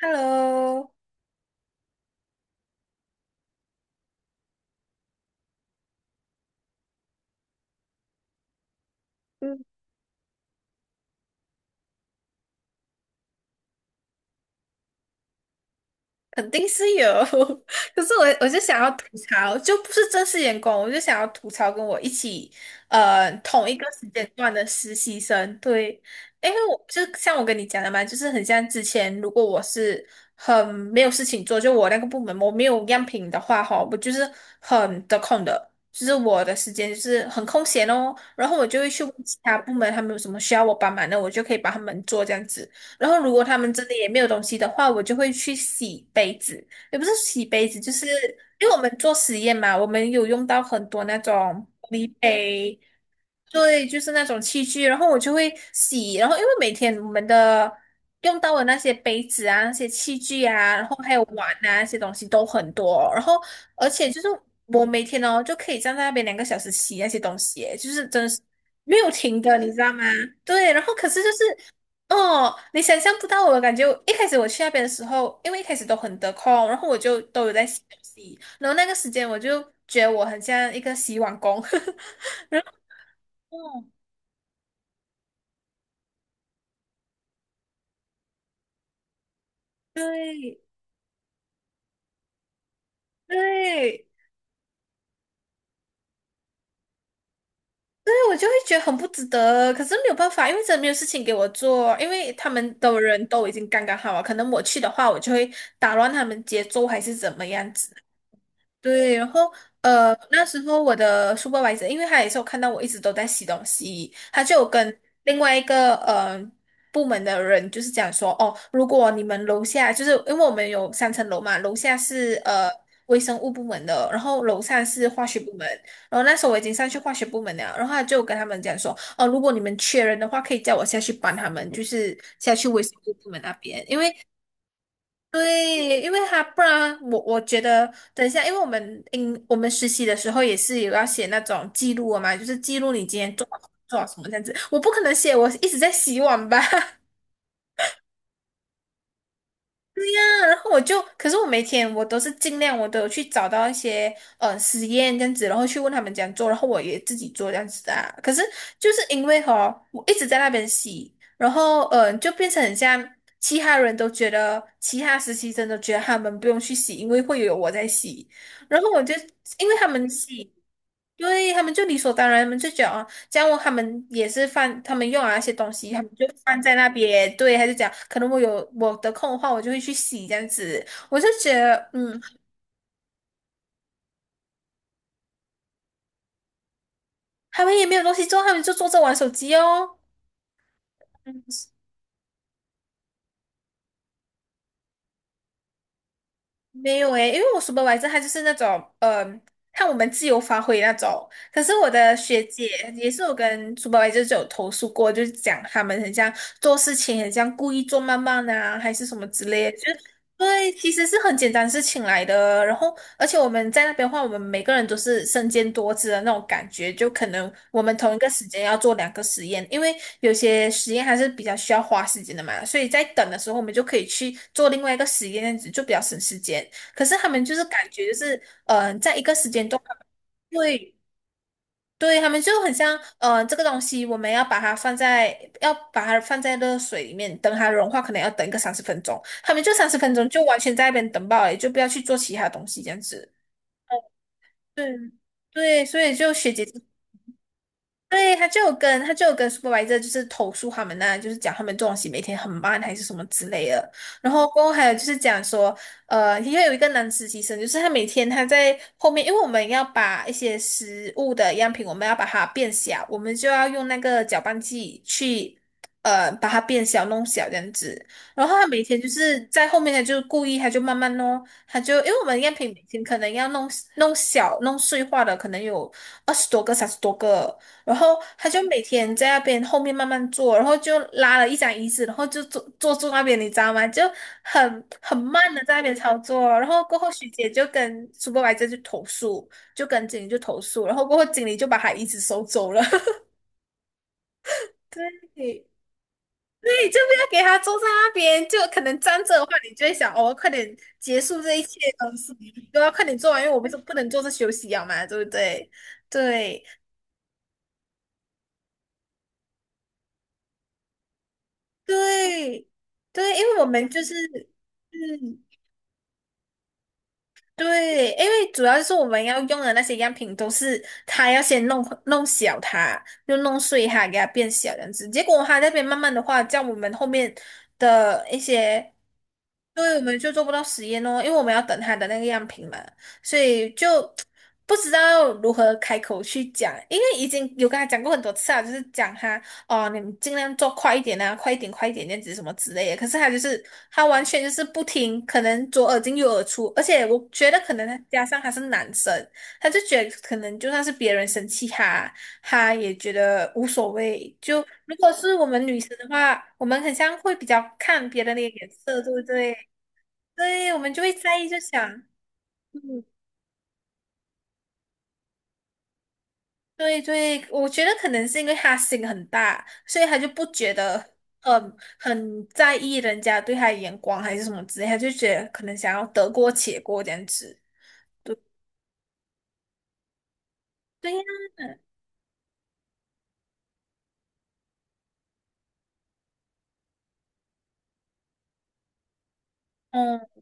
Hello。嗯，肯定是有，可是我就想要吐槽，就不是正式员工，我就想要吐槽跟我一起，同一个时间段的实习生，对，因为我就像我跟你讲的嘛，就是很像之前，如果我是很没有事情做，就我那个部门我没有样品的话，哈，我就是很得空的，就是我的时间就是很空闲哦。然后我就会去问其他部门他们有什么需要我帮忙的，我就可以帮他们做这样子。然后如果他们真的也没有东西的话，我就会去洗杯子，也不是洗杯子，就是因为我们做实验嘛，我们有用到很多那种玻璃杯，对，就是那种器具，然后我就会洗。然后因为每天我们的用到的那些杯子啊、那些器具啊，然后还有碗啊那些东西都很多，然后而且就是我每天哦就可以站在那边2个小时洗那些东西耶，就是真的是没有停的，你知道吗？对，然后可是就是哦，你想象不到我的感觉。一开始我去那边的时候，因为一开始都很得空，然后我就都有在休息，然后那个时间我就觉得我很像一个洗碗工。嗯，对对对，我就会觉得很不值得，可是没有办法，因为真的没有事情给我做，因为他们的人都已经刚刚好了，可能我去的话，我就会打乱他们节奏还是怎么样子。对，然后那时候我的 supervisor,因为他也是有看到我一直都在洗东西，他就有跟另外一个部门的人就是讲说，哦，如果你们楼下，就是因为我们有3层楼嘛，楼下是微生物部门的，然后楼上是化学部门，然后那时候我已经上去化学部门了，然后他就跟他们讲说，哦，如果你们缺人的话，可以叫我下去帮他们，就是下去微生物部门那边，因为对，因为他不然我觉得等一下，因为我们应我们实习的时候也是有要写那种记录的嘛，就是记录你今天做了做了什么这样子。我不可能写我一直在洗碗吧，然后我就，可是我每天我都是尽量我都有去找到一些实验这样子，然后去问他们怎样做，然后我也自己做这样子的啊。可是就是因为哈，我一直在那边洗，然后就变成很像。其他人都觉得，其他实习生都觉得他们不用去洗，因为会有我在洗。然后我就因为他们洗，因为他们就理所当然，他们就讲啊，这样我他们也是放他们用啊那些东西，他们就放在那边。对，他就讲，可能我有我的空的话，我就会去洗这样子。我就觉得，嗯，他们也没有东西做，他们就坐着玩手机哦。嗯。没有诶，因为我 supervisor 他就是那种，嗯、看我们自由发挥那种。可是我的学姐也是我跟 s u p e r v i s o 就有投诉过，就是讲他们很像做事情很像故意做慢慢啊，还是什么之类的。就对，其实是很简单事情来的。然后而且我们在那边的话，我们每个人都是身兼多职的那种感觉，就可能我们同一个时间要做2个实验，因为有些实验还是比较需要花时间的嘛，所以在等的时候，我们就可以去做另外一个实验，这样子就比较省时间。可是他们就是感觉就是，嗯，在一个时间段，对对，他们就很像，嗯，这个东西我们要把它放在，要把它放在热水里面，等它融化，可能要等一个三十分钟。他们就三十分钟就完全在那边等爆了，也就不要去做其他东西这样子。对对，所以就学姐姐对，他就有跟 supervisor 就是投诉他们呐、就是讲他们作息每天很慢还是什么之类的。然后过后还有就是讲说，呃，因为有一个男实习生，就是他每天他在后面，因为我们要把一些食物的样品，我们要把它变小，我们就要用那个搅拌器去。呃，把它变小、弄小这样子，然后他每天就是在后面，他就故意，他就慢慢弄，他就因为我们样品每天可能要弄弄小、弄碎化的，可能有20多个、30多个，然后他就每天在那边后面慢慢坐，然后就拉了一张椅子，然后就坐坐住那边，你知道吗？就很慢的在那边操作哦。然后过后，徐姐就跟苏 u p e 去投诉，就跟经理就投诉，然后过后经理就把他椅子收走了。对对，就不要给他坐在那边，就可能站着的话，你就会想，哦，快点结束这一切东西，都要快点做完，因为我们是不能坐着休息啊嘛，对不对？对。对对，因为我们就是，嗯，对，因为主要是我们要用的那些样品都是他要先弄弄小它，就弄碎它，给它变小这样子。结果他那边慢慢的话，叫我们后面的一些，对，我们就做不到实验哦，因为我们要等他的那个样品嘛，所以就不知道如何开口去讲，因为已经有跟他讲过很多次啊，就是讲他哦，你们尽量做快一点啊，快一点，快一点，那样子什么之类的。可是他就是他完全就是不听，可能左耳进右耳出，而且我觉得可能他加上他是男生，他就觉得可能就算是别人生气他，他也觉得无所谓。就如果是我们女生的话，我们很像会比较看别人的脸色，对不对？对，我们就会在意，就想，嗯。对对，我觉得可能是因为他心很大，所以他就不觉得很在意人家对他的眼光还是什么之类，他就觉得可能想要得过且过这样子。对呀，嗯。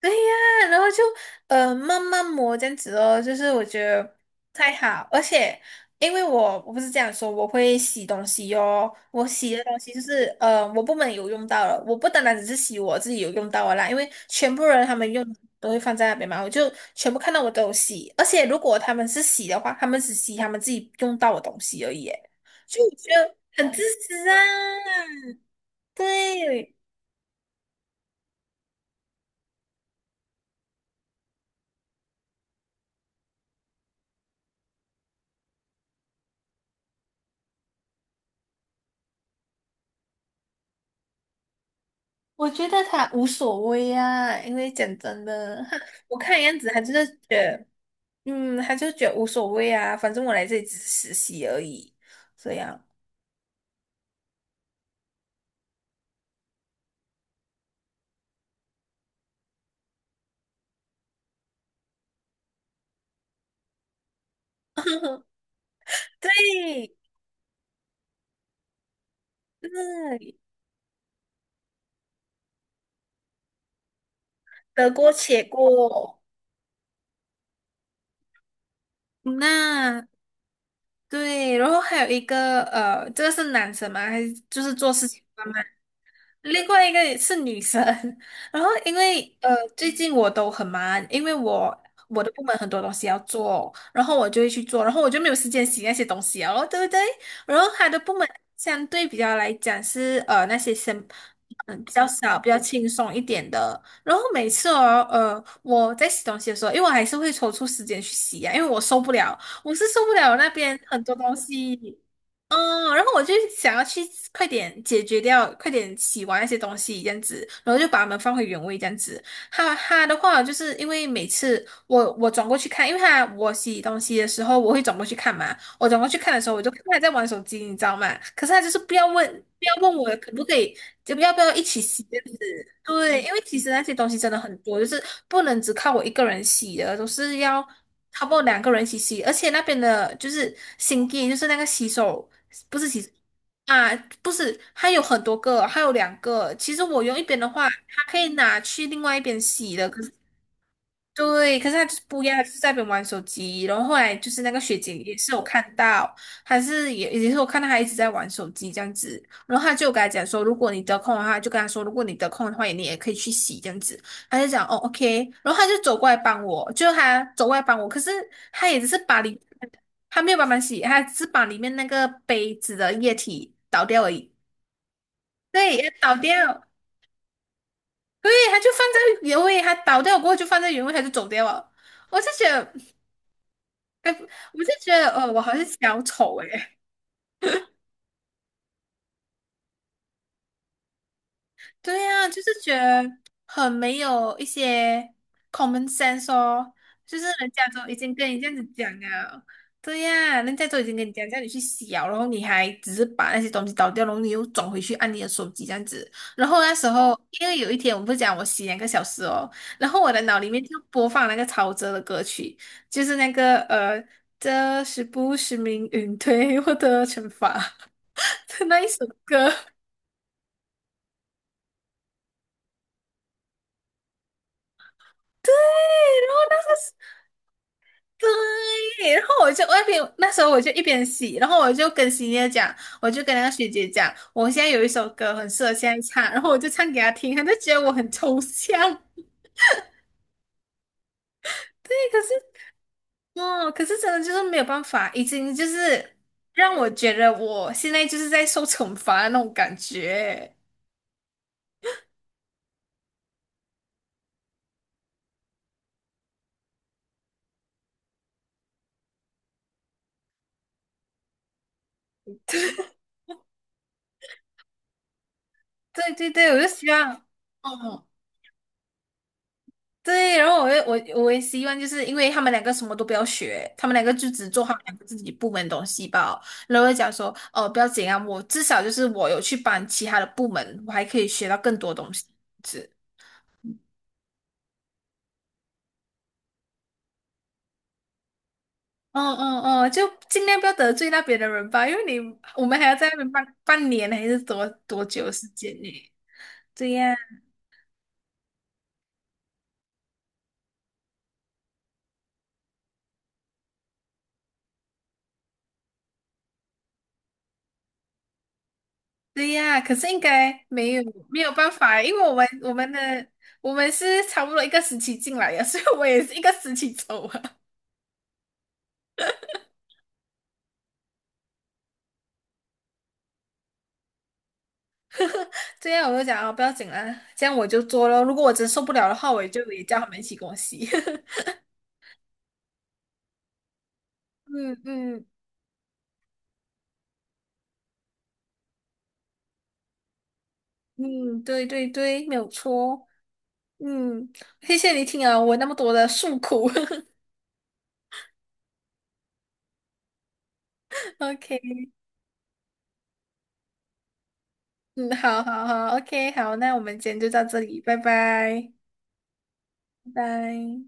对呀，然后就慢慢磨这样子哦，就是我觉得太好。而且因为我不是这样说，我会洗东西哦，我洗的东西就是我部门有用到了，我不单单只是洗我自己有用到的啦，因为全部人他们用都会放在那边嘛，我就全部看到我都有洗，而且如果他们是洗的话，他们只洗他们自己用到的东西而已耶，就我觉得很自私啊，对。我觉得他无所谓啊，因为讲真的，他我看样子他就是觉得，嗯，他就觉得无所谓啊，反正我来这里只是实习而已，这样。对，对，得过且过。那对，然后还有一个呃，这个是男生吗？还是就是做事情？另外一个是女生，然后因为最近我都很忙，因为我的部门很多东西要做，然后我就会去做，然后我就没有时间洗那些东西哦，对不对？然后他的部门相对比较来讲是那些生嗯比较少、比较轻松一点的，然后每次哦我在洗东西的时候，因为我还是会抽出时间去洗呀、因为我受不了，我是受不了那边很多东西。嗯，然后我就想要去快点解决掉，快点洗完那些东西这样子，然后就把它们放回原位这样子。哈哈的话，就是因为每次我转过去看，因为他我洗东西的时候，我会转过去看嘛。我转过去看的时候，我就看他在玩手机，你知道吗？可是他就是不要问，不要问我可不可以，就不要一起洗这样子。对，因为其实那些东西真的很多，就是不能只靠我一个人洗的，都是要。差不多两个人一起洗，而且那边的就是新地，就是那个洗手。不是其实啊，不是，还有很多个，还有两个。其实我用一边的话，它可以拿去另外一边洗的，可是对，可是他就是不要，就是在那边玩手机。然后后来就是那个学姐也是有看到，还是也是我看到他一直在玩手机这样子。然后她就跟他讲说，如果你得空的话，就跟他说，如果你得空的话，你也可以去洗这样子。他就讲哦，OK。然后他就走过来帮我，就他走过来帮我，可是他也只是把里，他没有帮忙洗，他只是把里面那个杯子的液体倒掉而已。对，也倒掉。对，他就放在原位，他倒掉过后就放在原位，他就走掉了。我就觉得。哎，我就觉得，我好像小丑哎、对呀、就是觉得很没有一些 common sense 哦，就是人家都已经跟你这样子讲了，对呀、人家都已经跟你讲叫你去洗了，然后你还只是把那些东西倒掉，然后你又转回去按你的手机这样子。然后那时候，因为有一天我们不是讲我洗2个小时哦，然后我的脑里面就播放那个陶喆的歌曲，就是那个，这是不是命运对我的惩罚？的那一首歌，对，然后那时是对，然后我就外边那时候我就一边洗，然后我就跟洗姐讲，我就跟那个学姐讲，我现在有一首歌很适合现在唱，然后我就唱给她听，她就觉得我很抽象，对，可是哦，可是真的就是没有办法，已经就是让我觉得我现在就是在受惩罚的那种感觉，对对对，我就希望，哦。对，然后我也我也希望，就是因为他们两个什么都不要学，他们两个就只做他们两个自己部门的东西吧。然后我就讲说，哦，不要紧啊，我至少就是我有去帮其他的部门，我还可以学到更多东西。是，嗯嗯嗯，就尽量不要得罪那边的人吧，因为你我们还要在那边半年还是多久的时间呢？对呀，对呀，可是应该没有没有办法，因为我们的我们是差不多一个时期进来的，所以我也是一个时期走啊。这样我就讲啊，不要紧啦，这样我就做咯。如果我真受不了的话，我就也叫他们一起跟我洗。嗯嗯嗯，对对对，没有错。嗯，谢谢你听啊，我那么多的诉苦。OK，嗯，好好好，OK，好，那我们今天就到这里，拜拜，拜拜。